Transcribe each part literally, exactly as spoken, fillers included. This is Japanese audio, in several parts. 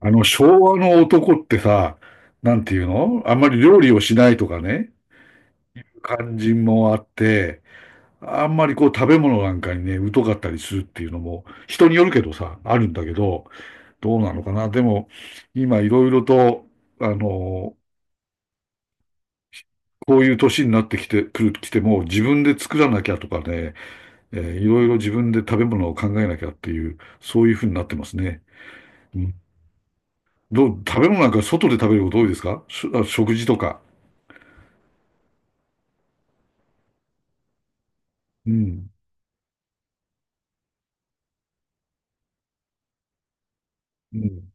あの、昭和の男ってさ、なんていうのあんまり料理をしないとかね、感じもあって、あんまりこう食べ物なんかにね、疎かったりするっていうのも、人によるけどさ、あるんだけど、どうなのかな。でも、今いろいろと、あの、こういう年になってきて、くる、来ても、自分で作らなきゃとかね、えーいろいろ自分で食べ物を考えなきゃっていう、そういうふうになってますね。うん。どう、食べ物なんか外で食べること多いですか？しあ食事とか。うん。うん。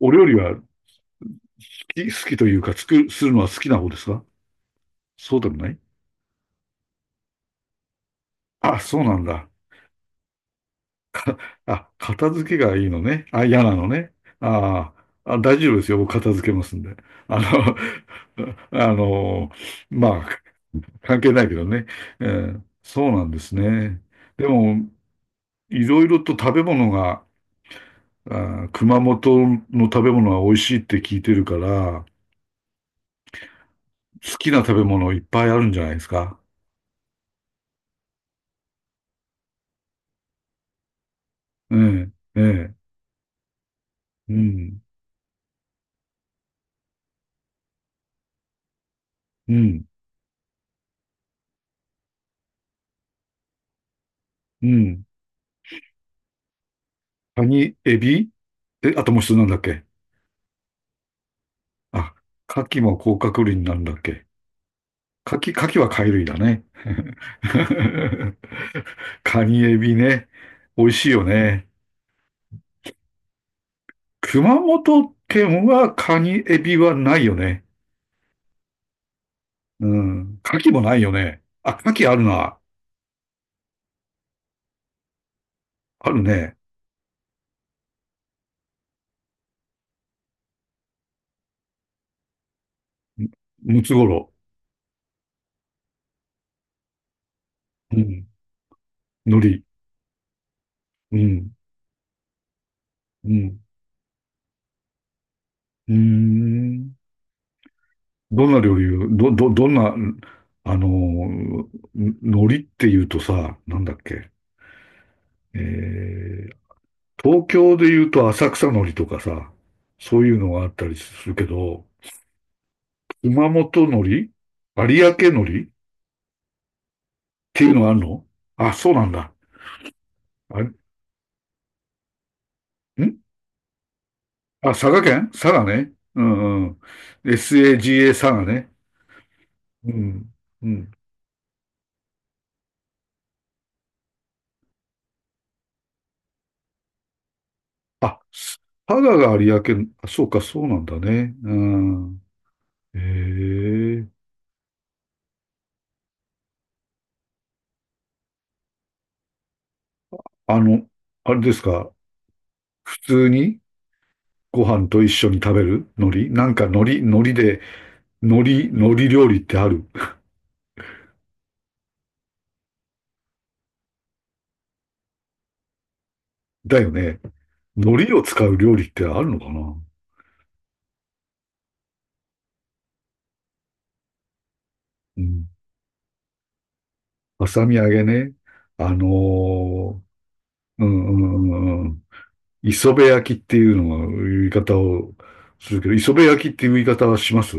お料理は好き、好きというか、作するのは好きな方ですか？そうでもない。あ、そうなんだ。あ、片付けがいいのね。あ、嫌なのね。あーあ、大丈夫ですよ。僕片付けますんで。あの、あの、まあ、関係ないけどね。えーそうなんですね。でも、いろいろと食べ物が、あー、熊本の食べ物は美味しいって聞いてるから、好きな食べ物いっぱいあるんじゃないですか。ええ、ええ、うん、うん。うん。カニ、エビ、え、あともう一つなんだっけ？あ、カキも甲殻類になるんだっけ？カキ、カキは貝類だね。カニ、エビね。美味しいよね。熊本県はカニ、エビはないよね。うん。カキもないよね。あ、カキあるな。あるね。ムムツゴロウ。うん。海苔。うん。うん。うーん。どんな料理を、ど、ど、どんな、あのー、海苔って言うとさ、なんだっけ。えー、東京で言うと浅草海苔とかさ、そういうのがあったりするけど、熊本海苔有明海苔っていうのがあるの？あ、そうなんだ。あれ、んあ、佐賀県佐賀ね。うんうん。エスエージーエー 佐賀ね。うん。うん。あ、佐賀が有明、あそうか、そうなんだね。うん。へえ。あの、あれですか？普通にご飯と一緒に食べる海苔なんか海苔、海苔で、海苔、海苔料理ってある？だよね。海苔を使う料理ってあるのかな？うん。はさみ揚げね。あのーうんうんうんうん。磯辺焼きっていうのが言い方をするけど、磯辺焼きっていう言い方はします？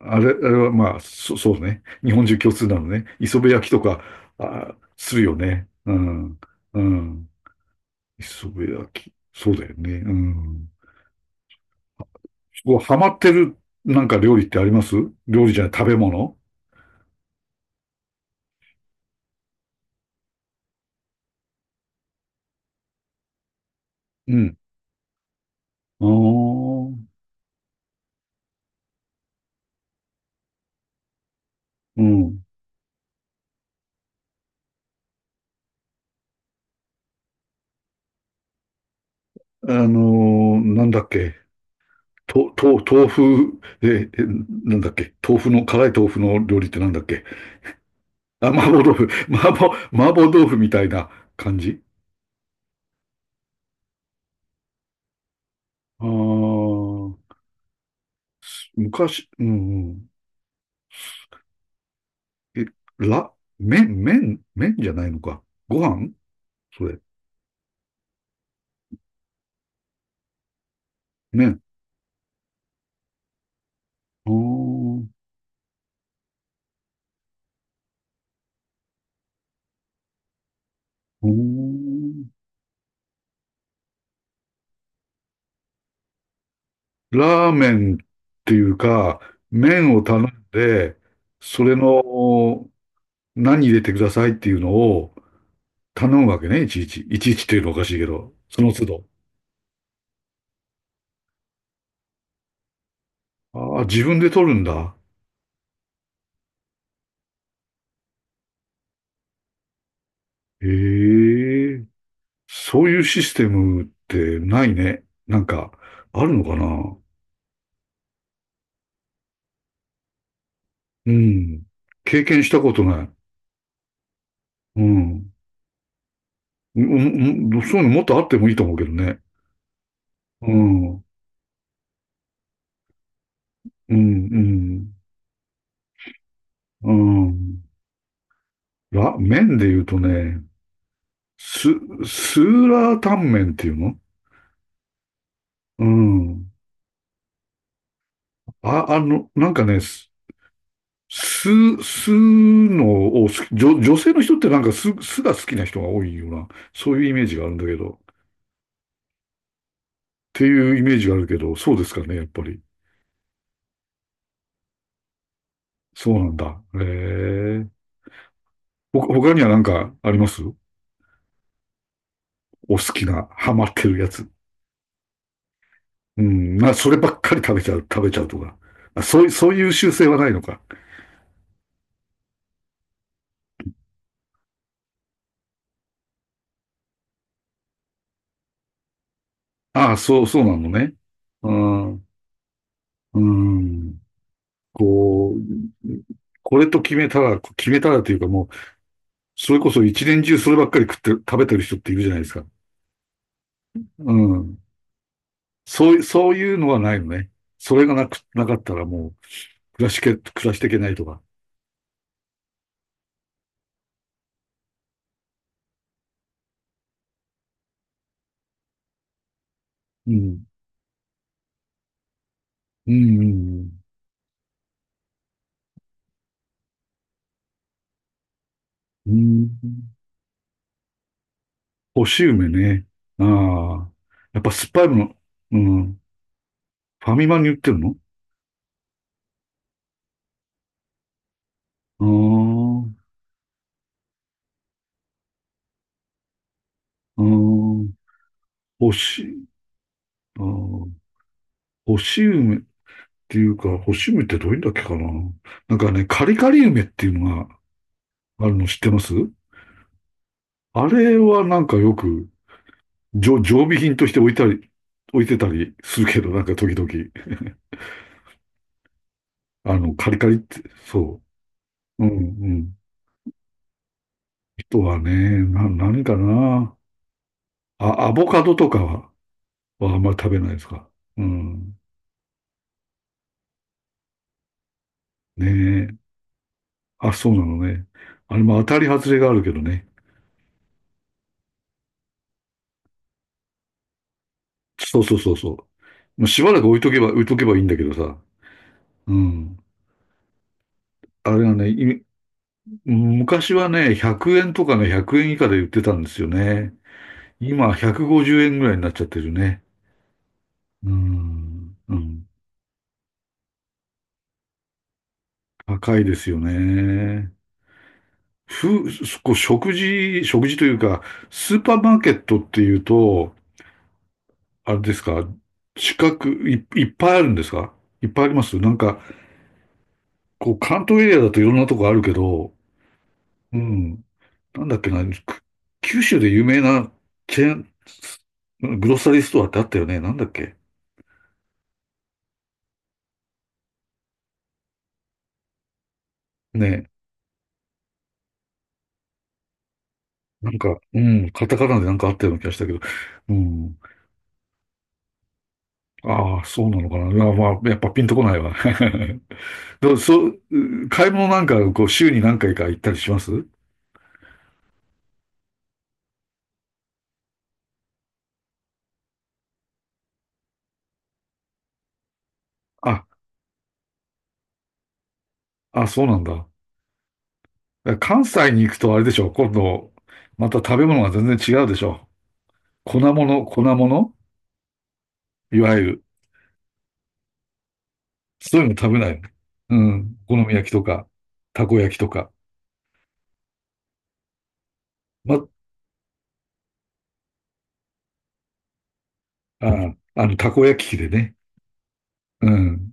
あれ、あれはまあ、そ、そうね。日本中共通なのね。磯辺焼きとか、あ、するよね。うん。うん。磯辺焼き。そうだよね。うん。こうハマってるなんか料理ってあります？料理じゃない、食べ物？うん。ああ、うん。あのーなんだっけ。と、と、豆腐、え、えなんだっけ。豆腐の、辛い豆腐の料理ってなんだっけ。あ、麻婆豆腐。麻婆、麻婆豆腐みたいな感じ。ああ、昔、うんうん。え、ら、麺、麺、麺じゃないのか。ご飯それ。麺。ああ。うーん。ラーメンっていうか、麺を頼んで、それの何入れてくださいっていうのを頼むわけね、いちいち。いちいちっていうのおかしいけど、その都度。ああ、自分で取るんだ。へえ、そういうシステムってないね。なんか、あるのかな？うん。経験したことない。うん。うん、うん、そういうのもっとあってもいいと思うけどね。うん。うん、うん。うん。いや、麺で言うとね、ス、スーラータンメンっていうの？うん。あ、あの、なんかね、ス、ススのを好き、女、女性の人ってなんかス、スが好きな人が多いような、そういうイメージがあるんだけど、っていうイメージがあるけど、そうですかね、やっぱり。そうなんだ。へえ。ほ、他にはなんかあります？お好きな、ハマってるやつ。うん、な、そればっかり食べちゃう、食べちゃうとか。まあ、そういう、そういう習性はないのか。ああ、そう、そうなのね。うん。うーん。こう、これと決めたら、決めたらというかもう、それこそ一年中そればっかり食って、食べてる人っているじゃないですか。うん。そう、そういうのはないのね。それがなく、なかったらもう、暮らしけ、暮らしていけないとか。うん。うん、うん、うん。うん。干し梅ね。ああ。やっぱ酸っぱいもの、うん。ファミマに売ってるの？ああー、うん。干し、ああ、干し梅、っていうか、干し梅ってどういうんだっけかな。なんかね、カリカリ梅っていうのがあるの知ってます？あれはなんかよく、常常備品として置いたり、置いてたりするけど、なんか時々、あの、カリカリって、そう。うんうん。人はね、な、何かな。あ、アボカドとかは、はあんまり食べないですか。うん。ねえ。あ、そうなのね。あれも当たり外れがあるけどね。そうそうそうそう。まあしばらく置いとけば、置いとけばいいんだけどさ。うん。あれがね、い昔はね、ひゃくえんとかね、ひゃくえん以下で売ってたんですよね。今、ひゃくごじゅうえんぐらいになっちゃってるね。うん。うん。高いですよね。ふ、こう食事、食事というか、スーパーマーケットっていうと、あれですか、近く、い、いっぱいあるんですか？いっぱいありますなんか、こう、関東エリアだといろんなとこあるけど、うん。なんだっけな、く九州で有名なチェーン、グロッサリーストアってあったよね。なんだっけね？なんか、うん、カタカナでなんかあったような気がしたけど、うん。ああ、そうなのかな。いや、まあ、やっぱピンとこないわ。どうそう、う買い物なんか、こう、週に何回か行ったりします？あ、あ、そうなんだ。関西に行くとあれでしょ。今度、また食べ物が全然違うでしょ。粉物、粉物いわゆる。そういうの食べない？うん。お好み焼きとか、たこ焼きとか。ま、あ、あの、たこ焼き器でね。うん。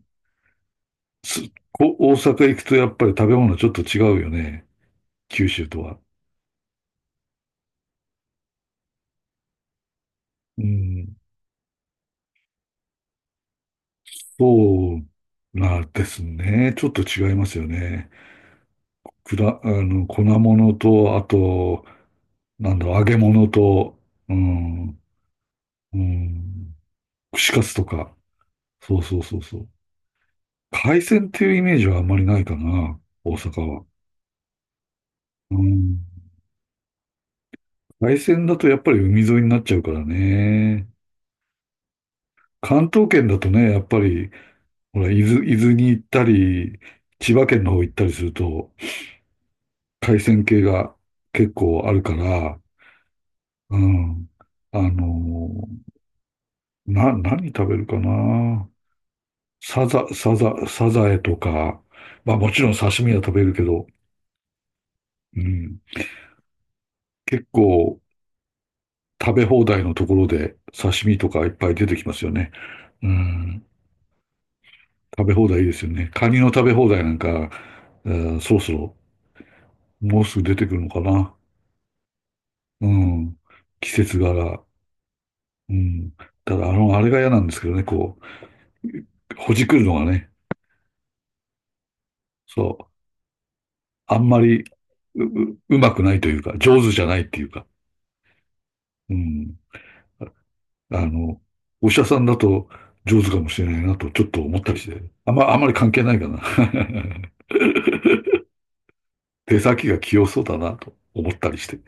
すこ大阪行くとやっぱり食べ物ちょっと違うよね。九州とは。うん。そうなんですね。ちょっと違いますよね。くだ、あの、粉物と、あと、なんだろう、揚げ物と、うん、うん、串カツとか。そうそうそうそう。海鮮っていうイメージはあんまりないかな、大阪は。うん。海鮮だとやっぱり海沿いになっちゃうからね。関東圏だとね、やっぱりほら、伊豆、伊豆に行ったり、千葉県の方行ったりすると、海鮮系が結構あるから、うん。あのーな、何食べるかな。サザ、サザ、サザエとか、まあもちろん刺身は食べるけど、うん。結構食べ放題のところで刺身とかいっぱい出てきますよね。うん。食べ放題いいですよね。カニの食べ放題なんか、うん。そろそろもうすぐ出てくるのかな。うん。季節柄。うん。ただ、あの、あれが嫌なんですけどね、こう、ほじくるのがね、そう、あんまりう、う、うまくないというか、上手じゃないっていうか、うん。あの、お医者さんだと上手かもしれないなと、ちょっと思ったりして、あんま、あんまり関係ないかな。手先が器用そうだなと思ったりして。